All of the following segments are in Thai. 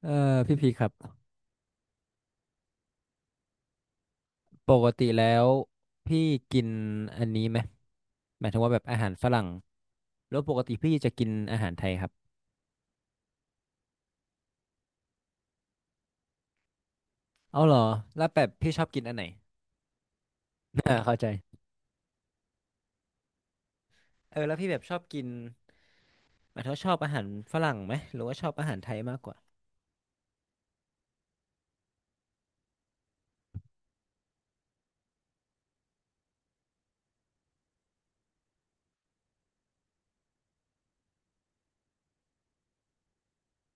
เออพี่พีครับปกติแล้วพี่กินอันนี้ไหมหมายถึงว่าแบบอาหารฝรั่งแล้วปกติพี่จะกินอาหารไทยครับเอาเหรอแล้วแบบพี่ชอบกินอันไหน  เข้าใจแล้วพี่แบบชอบกินหมายถึงว่าชอบอาหารฝรั่งไหมหรือว่าชอบอาหารไทยมากกว่า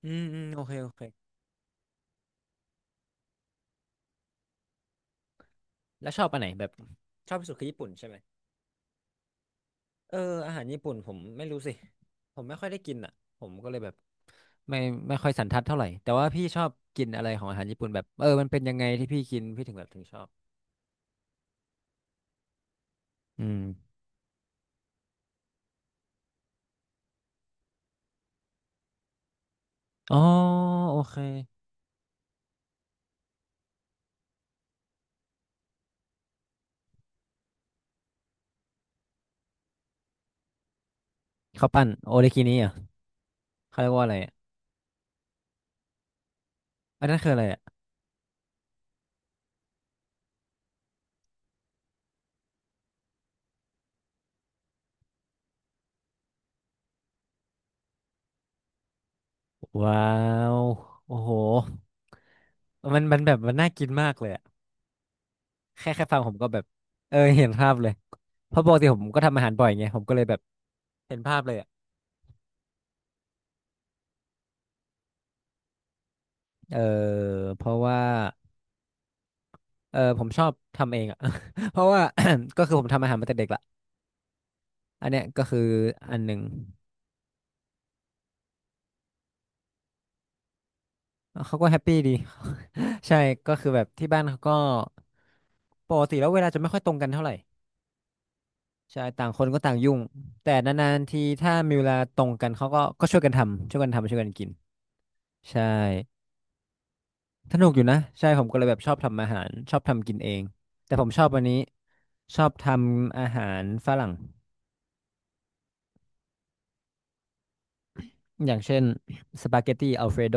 อืมอืมโอเคโอเคแล้วชอบอันไหนแบบชอบที่สุดคือญี่ปุ่นใช่ไหมเอออาหารญี่ปุ่นผมไม่รู้สิผมไม่ค่อยได้กินอ่ะผมก็เลยแบบ ไม่ไม่ค่อยสันทัดเท่าไหร่แต่ว่าพี่ชอบกินอะไรของอาหารญี่ปุ่นแบบมันเป็นยังไงที่พี่กินพี่ถึงแบบถึงชอบอืมอ๋อโอเคข้าวปั้นโอเลกินี่อ่ะเขาเรียกว่าอะไรอะอันนั้นคืออะไรอ่ะว้าวโอ้โหมันแบบมันน่ากินมากเลยอะแค่ฟังผมก็แบบเห็นภาพเลยเพราะปกติผมก็ทำอาหารบ่อยไงผมก็เลยแบบเห็นภาพเลยอ่ะเออเพราะว่าผมชอบทำเองอ่ะ เพราะว่า ก็คือผมทำอาหารมาแต่เด็กละอันเนี้ยก็คืออันหนึ่ง เขาก็แฮปปี้ดี ใช่ก็คือแบบที่บ้านเขาก็ปกติแล้วเวลาจะไม่ค่อยตรงกันเท่าไหร่ใช่ต่างคนก็ต่างยุ่งแต่นานๆทีถ้ามีเวลาตรงกันเขาก็ช่วยกันทำช่วยกันทำช่วยกันกินใช่สนุกอยู่นะใช่ผมก็เลยแบบชอบทำอาหารชอบทำกินเองแต่ผมชอบวันนี้ชอบทำอาหารฝรั่งอย่างเช่นสปาเกตตีอัลเฟรโด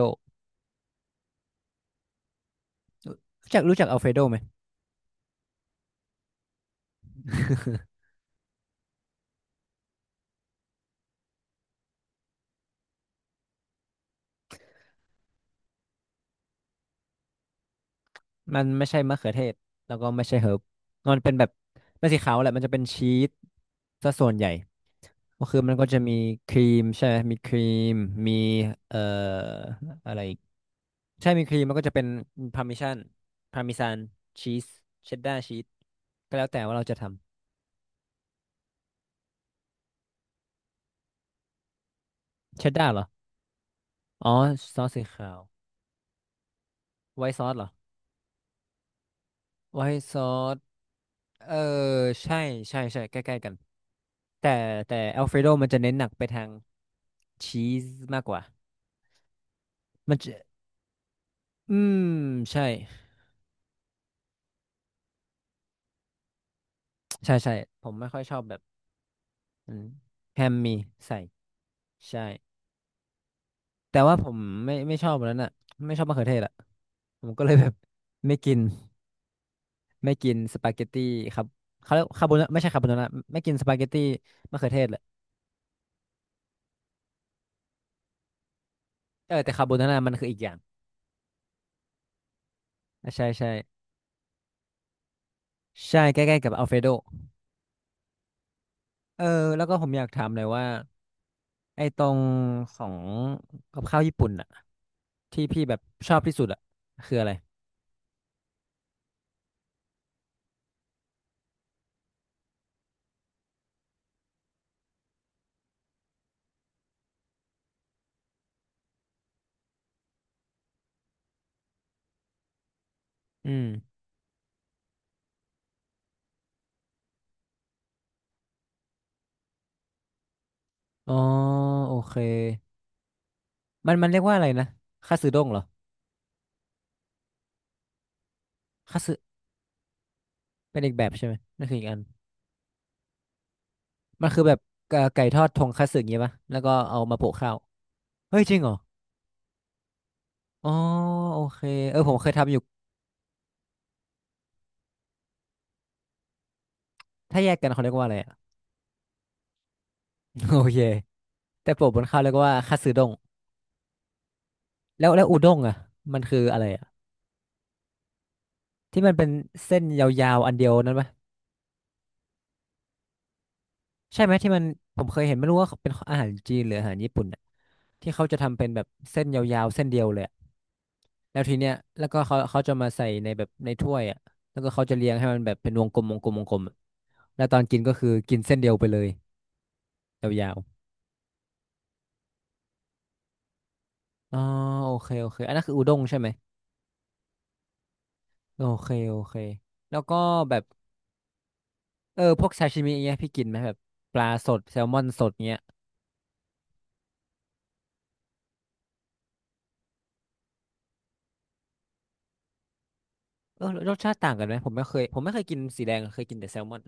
รู้จักรู้จักอัลเฟรโดไหม มันไม่ใช่มะเขือเทศแล้วก็ไม่ใช่เฮิร์บมันเป็นแบบไม่สีขาวแหละมันจะเป็นชีสซะส่วนใหญ่ ก็คือมันก็จะมีครีมใช่ไหมมีครีมมีเอ่ออะไรอีกใช่ มีครีมมันก็จะเป็นพาร์มิชันพาร์มิซานชีสเชดดาร์ชีสก็แล้วแต่ว่าเราจะทำเชดดาร์เหรออ๋อซอสสีขาวไวท์ซอสเหรอไวท์ซอสเออใช่ใช่ใช่ใกล้ๆกัน แต่แต่อัลเฟรโดมันจะเน้นหนักไปทางชีสมากกว่ามันจะอืมใช่ใช่ใช่ผมไม่ค่อยชอบแบบนั้นแฮมมีใส่ใช่แต่ว่าผมไม่ชอบแบบนั้นอ่ะไม่ชอบมะเขือเทศอ่ะผมก็เลยแบบ ไม่กินไม่กินสปาเกตตี้ครับเขาเรียกคาโบนาไม่ใช่คาโบนาร่าไม่กินสปาเกตตี้มะเขือเทศแหละแต่คาโบนาร่ามันคืออีกอย่างอ่ะใช่ใช่ใช่ใกล้ๆกับอัลเฟรโดเออแล้วก็ผมอยากถามหน่อยว่า ไอ้ตรงของกับข้าวญี่ปุ่นอะที่พี่แบบชอบที่สุดอะคืออะไรอืมอ๋อโอเคมันมันเรียกว่าอะไรนะคัตสึด้งเหรอคัตสึเป็นอีกแบบใช่ไหมนั่นคืออีกอันมันคือแบบไก่ทอดทงคัตสึอย่างงี้ปะแล้วก็เอามาโปะข้าวเฮ้ยจริงเหรออ๋อโอเคผมเคยทำอยู่ถ้าแยกกันเขาเรียกว่าอะไรอะ โอเคแต่โปะบนข้าวเรียกว่าคัตสึด้งแล้วอุด้งอะมันคืออะไรอะที่มันเป็นเส้นยาวๆอันเดียวนั้นปะ ใช่ไหมที่มันผมเคยเห็นไม่รู้ว่าเป็นอาหารจีนหรืออาหารญี่ปุ่นน่ะที่เขาจะทำเป็นแบบเส้นยาวๆเส้นเดียวเลยอะแล้วทีเนี้ยแล้วก็เขาจะมาใส่ในแบบในถ้วยอ่ะแล้วก็เขาจะเรียงให้มันแบบเป็นวงกลมวงกลมวงกลมอะแล้วตอนกินก็คือกินเส้นเดียวไปเลยยาวๆอ๋อโอเคโอเคอันนั้นคืออุด้งใช่ไหมโอเคโอเคแล้วก็แบบพวกซาชิมิอย่างเงี้ยพี่กินไหมแบบปลาสดแซลมอนสดเงี้ยรสชาติต่างกันไหมผมไม่เคยผมไม่เคยกินสีแดงอะเคยกินแต่แซลมอน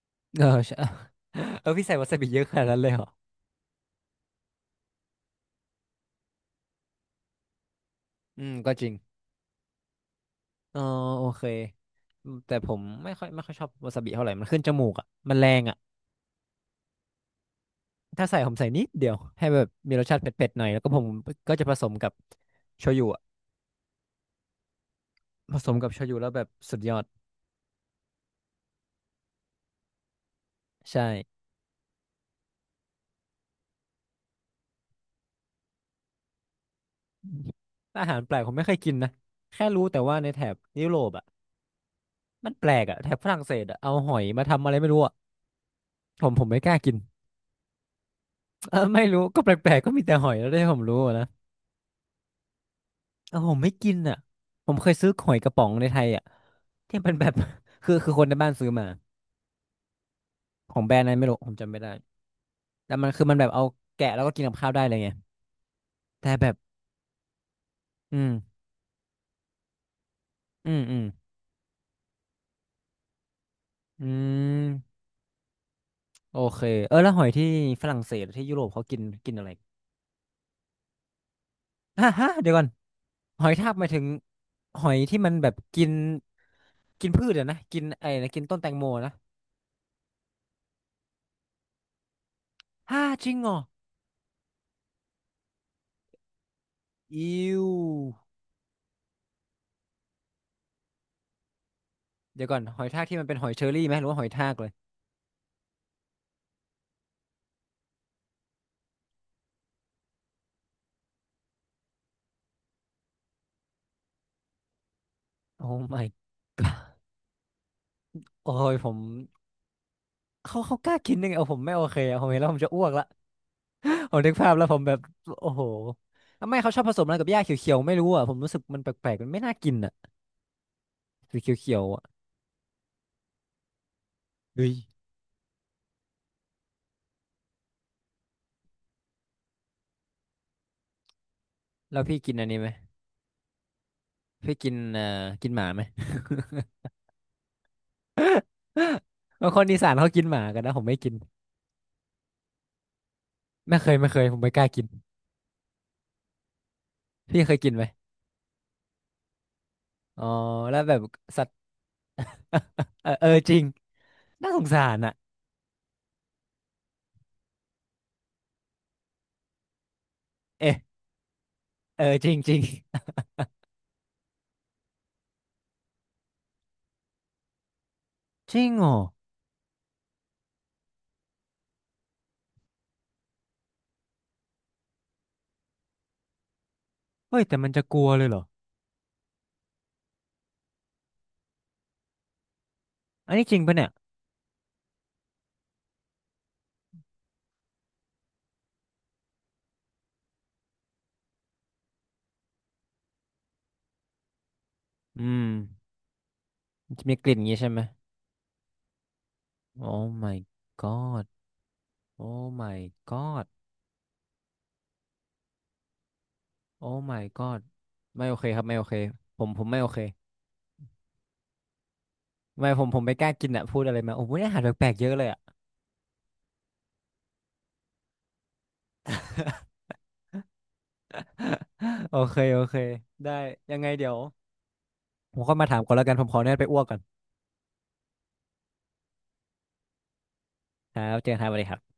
ใช่ พี่ใส่วาซาบิเยอะขนาดนั้นเลยเหรอ อืมก็จริงอ๋อโอเคอืมแต่ผมไม่ค่อยไม่ค่อยชอบวาซาบิเท่าไหร่มันขึ้นจมูกอ่ะมันแรงอ่ะถ้าใส่ผมใส่นิดเดียวให้แบบมีรสชาติเผ็ดๆหน่อยแล้วก็ผมก็จะผสมกับโชยุอะผสมกับโชยุแล้วแบบสุดยอดใช่อาหารแปลกผมไม่เคยกินนะแค่รู้แต่ว่าในแถบยุโรปอ่ะมันแปลกอ่ะแถบฝรั่งเศสอ่ะเอาหอยมาทำอะไรไม่รู้อ่ะผมไม่กล้ากินไม่รู้ก็แปลกๆก็มีแต่หอยแล้วได้ผมรู้อะนะ ผมไม่กินอ่ะผมเคยซื้อหอยกระป๋องในไทยอ่ะที่มันแบบ คือคนในบ้านซื้อมาของแบรนด์อะไรไม่รู้ผมจำไม่ได้แต่มันคือมันแบบเอาแกะแล้วก็กินกับข้าวได้เลยไงแต่แบบอืมอืมอืมอืมโอเคแล้วหอยที่ฝรั่งเศสหรือที่ยุโรปเขากินกินอะไรฮะฮะเดี๋ยวก่อนหอยทากหมายถึงหอยที่มันแบบกินกินพืชอะนะกินไอ้นะกินต้นแตงโมนะฮ่าจริงเหรออิวเดี๋ยวก่อนหอยทากที่มันเป็นหอยเชอรี่ไหมหรือว่าหอยทากเลยโอ้ my โอ้ยผมเขาเขากล้ากินยังไงเอาผมไม่โอเคอะผมเห็นแล้วผมจะอ้วกละ ผมนึกภาพแล้วผมแบบโอ้โหทำไมเขาชอบผสมอะไรกับหญ้าเขียวๆไม่รู้อ่ะผมรู้สึกมันแปลกๆมันไม่น่ากินอ่ะสีเขียวๆอ่ะเฮ้ยแล้วพี่กินอันนี้ไหมพี่กินกินหมาไหม บางคนอีสานเขากินหมากันนะผมไม่กินไม่เคยไม่เคยผมไม่กล้ากินพี่เคยกินไหมอ๋อแล้วแบบสัตว์ เออจริงน่าสงสารอ่ะเอ๊ะเออจริงจริง จริงเหรอเฮ้ยแต่มันจะกลัวเลยเหรออันนี้จริงปะเนี่ย อืมมันจะมีกลิ่นงี้ใช่ไหม Oh my god Oh my god Oh my god ไม่โอเคครับไม่โอเคผมไม่โอเคไม่ผมไม่กล้ากินอะพูดอะไรมาโอ้โหอาหารแปลกๆเยอะเลยอะ โอเคโอเคได้ยังไงเดี๋ยวผมก็มาถามก่อนแล้วกันผมขออนุญาตไปอ้วกก่อนครับเจอกันครับสวัสดีครับ